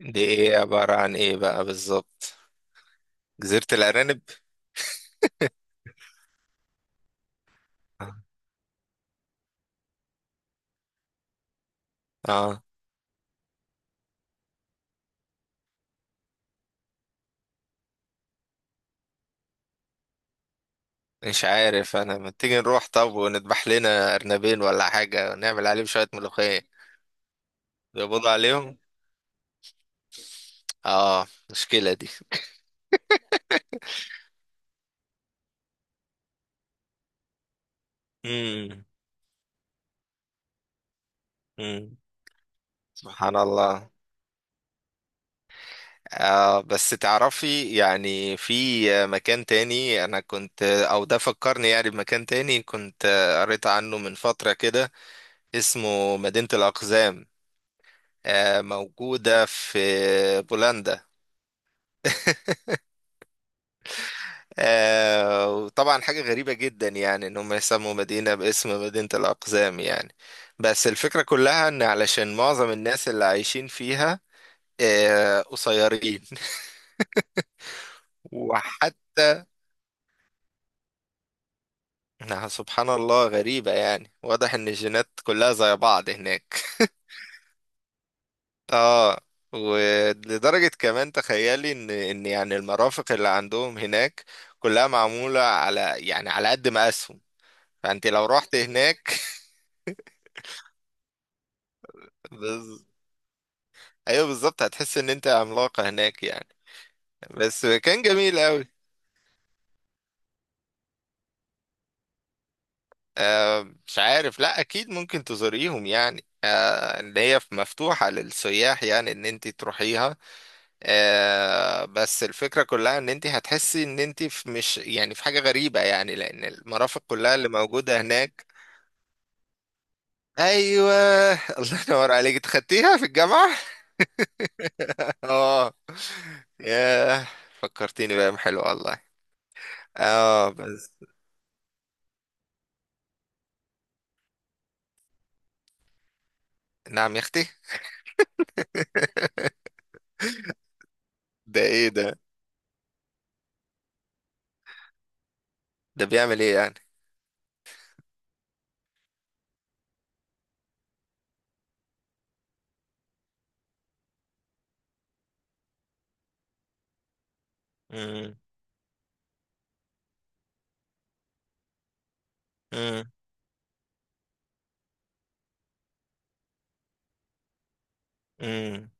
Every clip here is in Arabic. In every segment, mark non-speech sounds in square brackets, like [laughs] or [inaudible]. دي ايه؟ عبارة عن ايه بقى بالظبط؟ جزيرة الأرانب. اه، مش عارف. انا ما تيجي نروح طب ونذبح لنا أرنبين ولا حاجة ونعمل عليهم شوية ملوخية؟ بيقبضوا عليهم؟ اه، مشكلة دي. امم، امم. سبحان الله. آه، بس تعرفي يعني في مكان تاني انا كنت او ده فكرني يعني بمكان تاني، كنت قريت عنه من فترة كده، اسمه مدينة الأقزام. آه، موجودة في بولندا. [laughs] آه، وطبعا حاجة غريبة جدا يعني ان هم يسموا مدينة باسم مدينة الأقزام يعني. بس الفكرة كلها ان علشان معظم الناس اللي عايشين فيها آه قصيرين. [laughs] وحتى إنها سبحان الله غريبة، يعني واضح ان الجينات كلها زي بعض هناك. [laughs] اه، ولدرجة كمان تخيلي ان يعني المرافق اللي عندهم هناك كلها معمولة على، يعني على قد ما اسهم. فانت لو رحت هناك [laughs] ايوه، بالظبط هتحس ان انت عملاقة هناك يعني. بس كان جميل قوي. آه، مش عارف، لا اكيد ممكن تزوريهم يعني، آه ان هي مفتوحة للسياح يعني ان انت تروحيها. آه، بس الفكرة كلها ان انت هتحسي ان انت في مش يعني في حاجة غريبة يعني، لان المرافق كلها اللي موجودة هناك. ايوه. [laughs] الله ينور عليك، اتخدتيها في الجامعة. [laughs] اه. ياه. فكرتيني بأيام حلوة والله. اه، بس. نعم يا اختي. ده ايه ده؟ ده بيعمل ايه يعني؟ مم. مم. مم.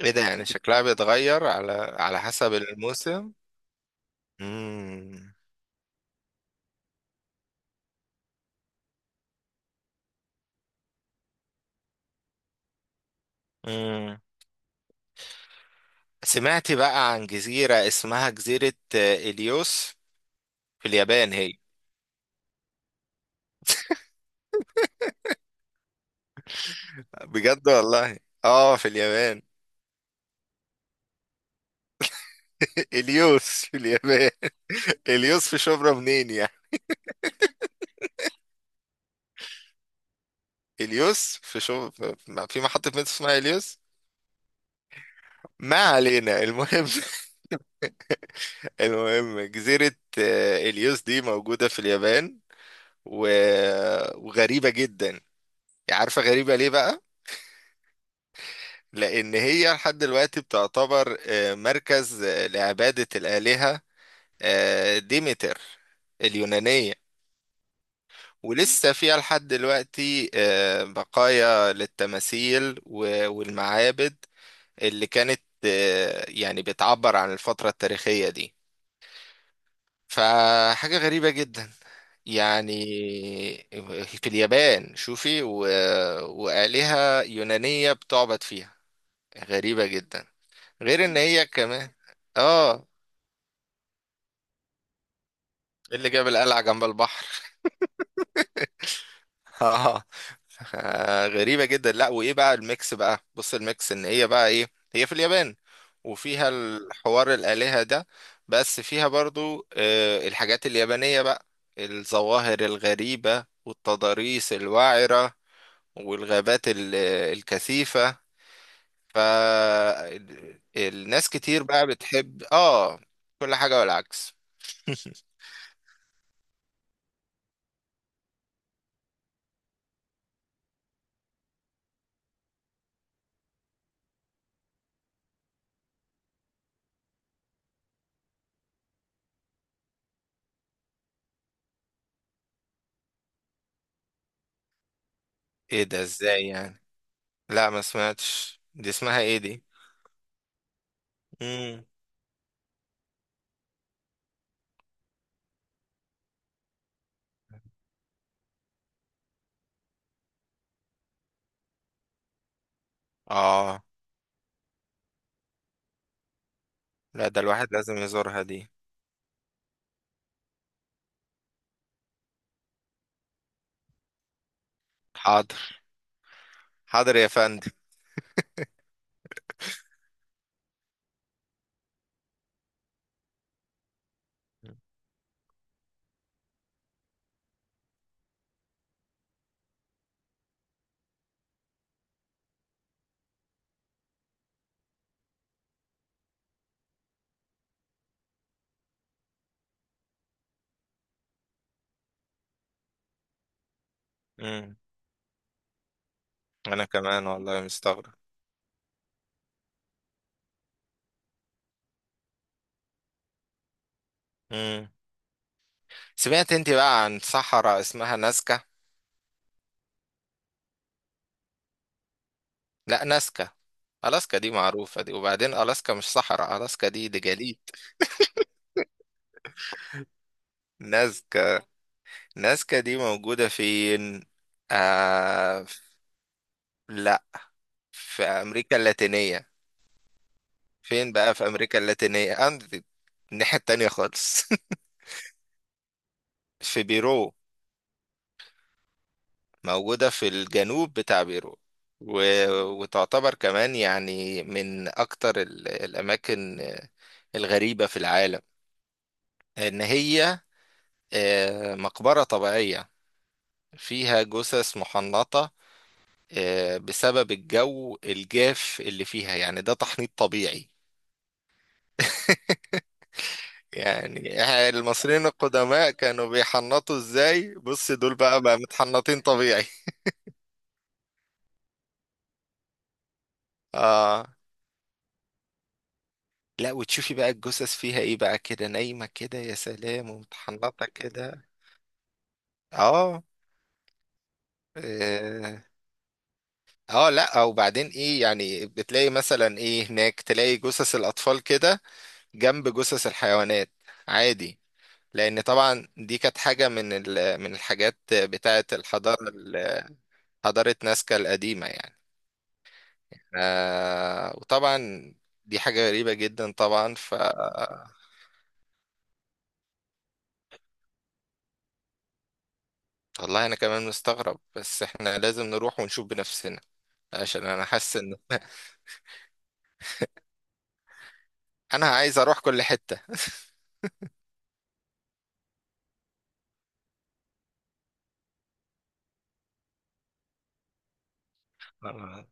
ايه ده يعني؟ [laughs] شكلها بيتغير على، على حسب الموسم. مم. مم. سمعت بقى عن جزيرة اسمها جزيرة إليوس في اليابان هي. بجد والله. اه، في اليابان. [laughs] إليوس في اليابان. [laughs] إليوس في شبرا منين يعني؟ إليوس في شبرا؟ في محطة مترو اسمها إليوس؟ ما علينا المهم. [laughs] المهم، جزيرة إليوس دي موجودة في اليابان. و... وغريبة جدا. عارفة غريبة ليه بقى؟ لأن هي لحد دلوقتي بتعتبر مركز لعبادة الآلهة ديمتر اليونانية. ولسه فيها لحد دلوقتي آه، بقايا للتماثيل والمعابد اللي كانت يعني بتعبر عن الفترة التاريخية دي. فحاجة غريبة جدا يعني. في اليابان شوفي وآلهة يونانية بتعبد فيها. غريبة جدا. غير ان هي كمان اه. إيه اللي جاب القلعة جنب البحر؟ [laughs] اه. غريبة جدا. لا، وايه بقى الميكس؟ بقى بص الميكس ان هي بقى ايه. هي في اليابان وفيها الحوار الآلهة ده. بس فيها برضو الحاجات اليابانية بقى، الظواهر الغريبة والتضاريس الوعرة والغابات الكثيفة. فالناس كتير بقى بتحب اه كل حاجة والعكس. ايه ده ازاي يعني؟ لا ما سمعتش دي. اسمها ايه دي؟ مم. اه، لا، ده الواحد لازم يزورها دي. حاضر، حاضر يا فندم. مم. انا كمان والله مستغرب. مم. سمعت انت بقى عن صحراء اسمها نازكا؟ لا، نازكا. ألاسكا دي معروفة دي، وبعدين ألاسكا مش صحراء، ألاسكا دي جليد. نازكا. نازكا دي موجودة فين؟ آه. لا. في أمريكا اللاتينية. فين بقى في أمريكا اللاتينية؟ عند الناحية التانية خالص. [laughs] في بيرو. موجودة في الجنوب بتاع بيرو. و... وتعتبر كمان يعني من أكتر الأماكن الغريبة في العالم. إن هي مقبرة طبيعية فيها جثث محنطة، بسبب الجو الجاف اللي فيها، يعني ده تحنيط طبيعي. [laughs] يعني المصريين القدماء كانوا بيحنطوا ازاي؟ بص دول بقى، بقى متحنطين طبيعي. [laughs] اه. لا وتشوفي بقى الجثث فيها ايه بقى، كده نايمة كده يا سلام ومتحنطة كده. اه. اه. لا وبعدين ايه يعني، بتلاقي مثلا ايه هناك، تلاقي جثث الاطفال كده جنب جثث الحيوانات عادي. لان طبعا دي كانت حاجة من من الحاجات بتاعة الحضارة حضارة نازكا القديمة يعني. آه، وطبعا دي حاجة غريبة جدا طبعا، ف. والله أنا كمان مستغرب، بس إحنا لازم نروح ونشوف بنفسنا. عشان أنا حاسس إن [laughs] أنا عايز أروح كل حتة. [laughs] آه.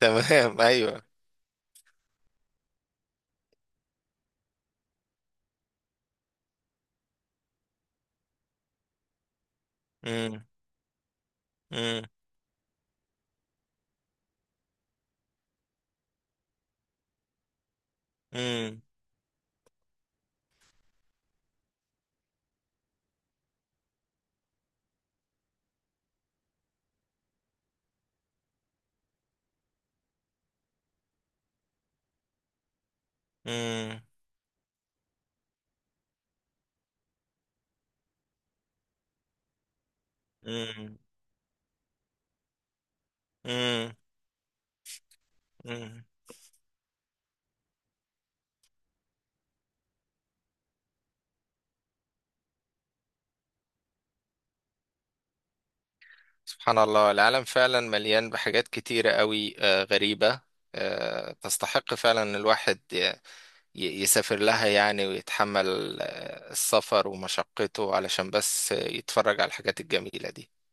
تمام، أيوه. مم. مم. مم. مم. مم. مم. مم. سبحان الله، العالم فعلا مليان بحاجات كتيرة قوي آه غريبة. آه، تستحق فعلا الواحد يسافر لها يعني، ويتحمل السفر ومشقته، علشان بس يتفرج على الحاجات الجميلة دي.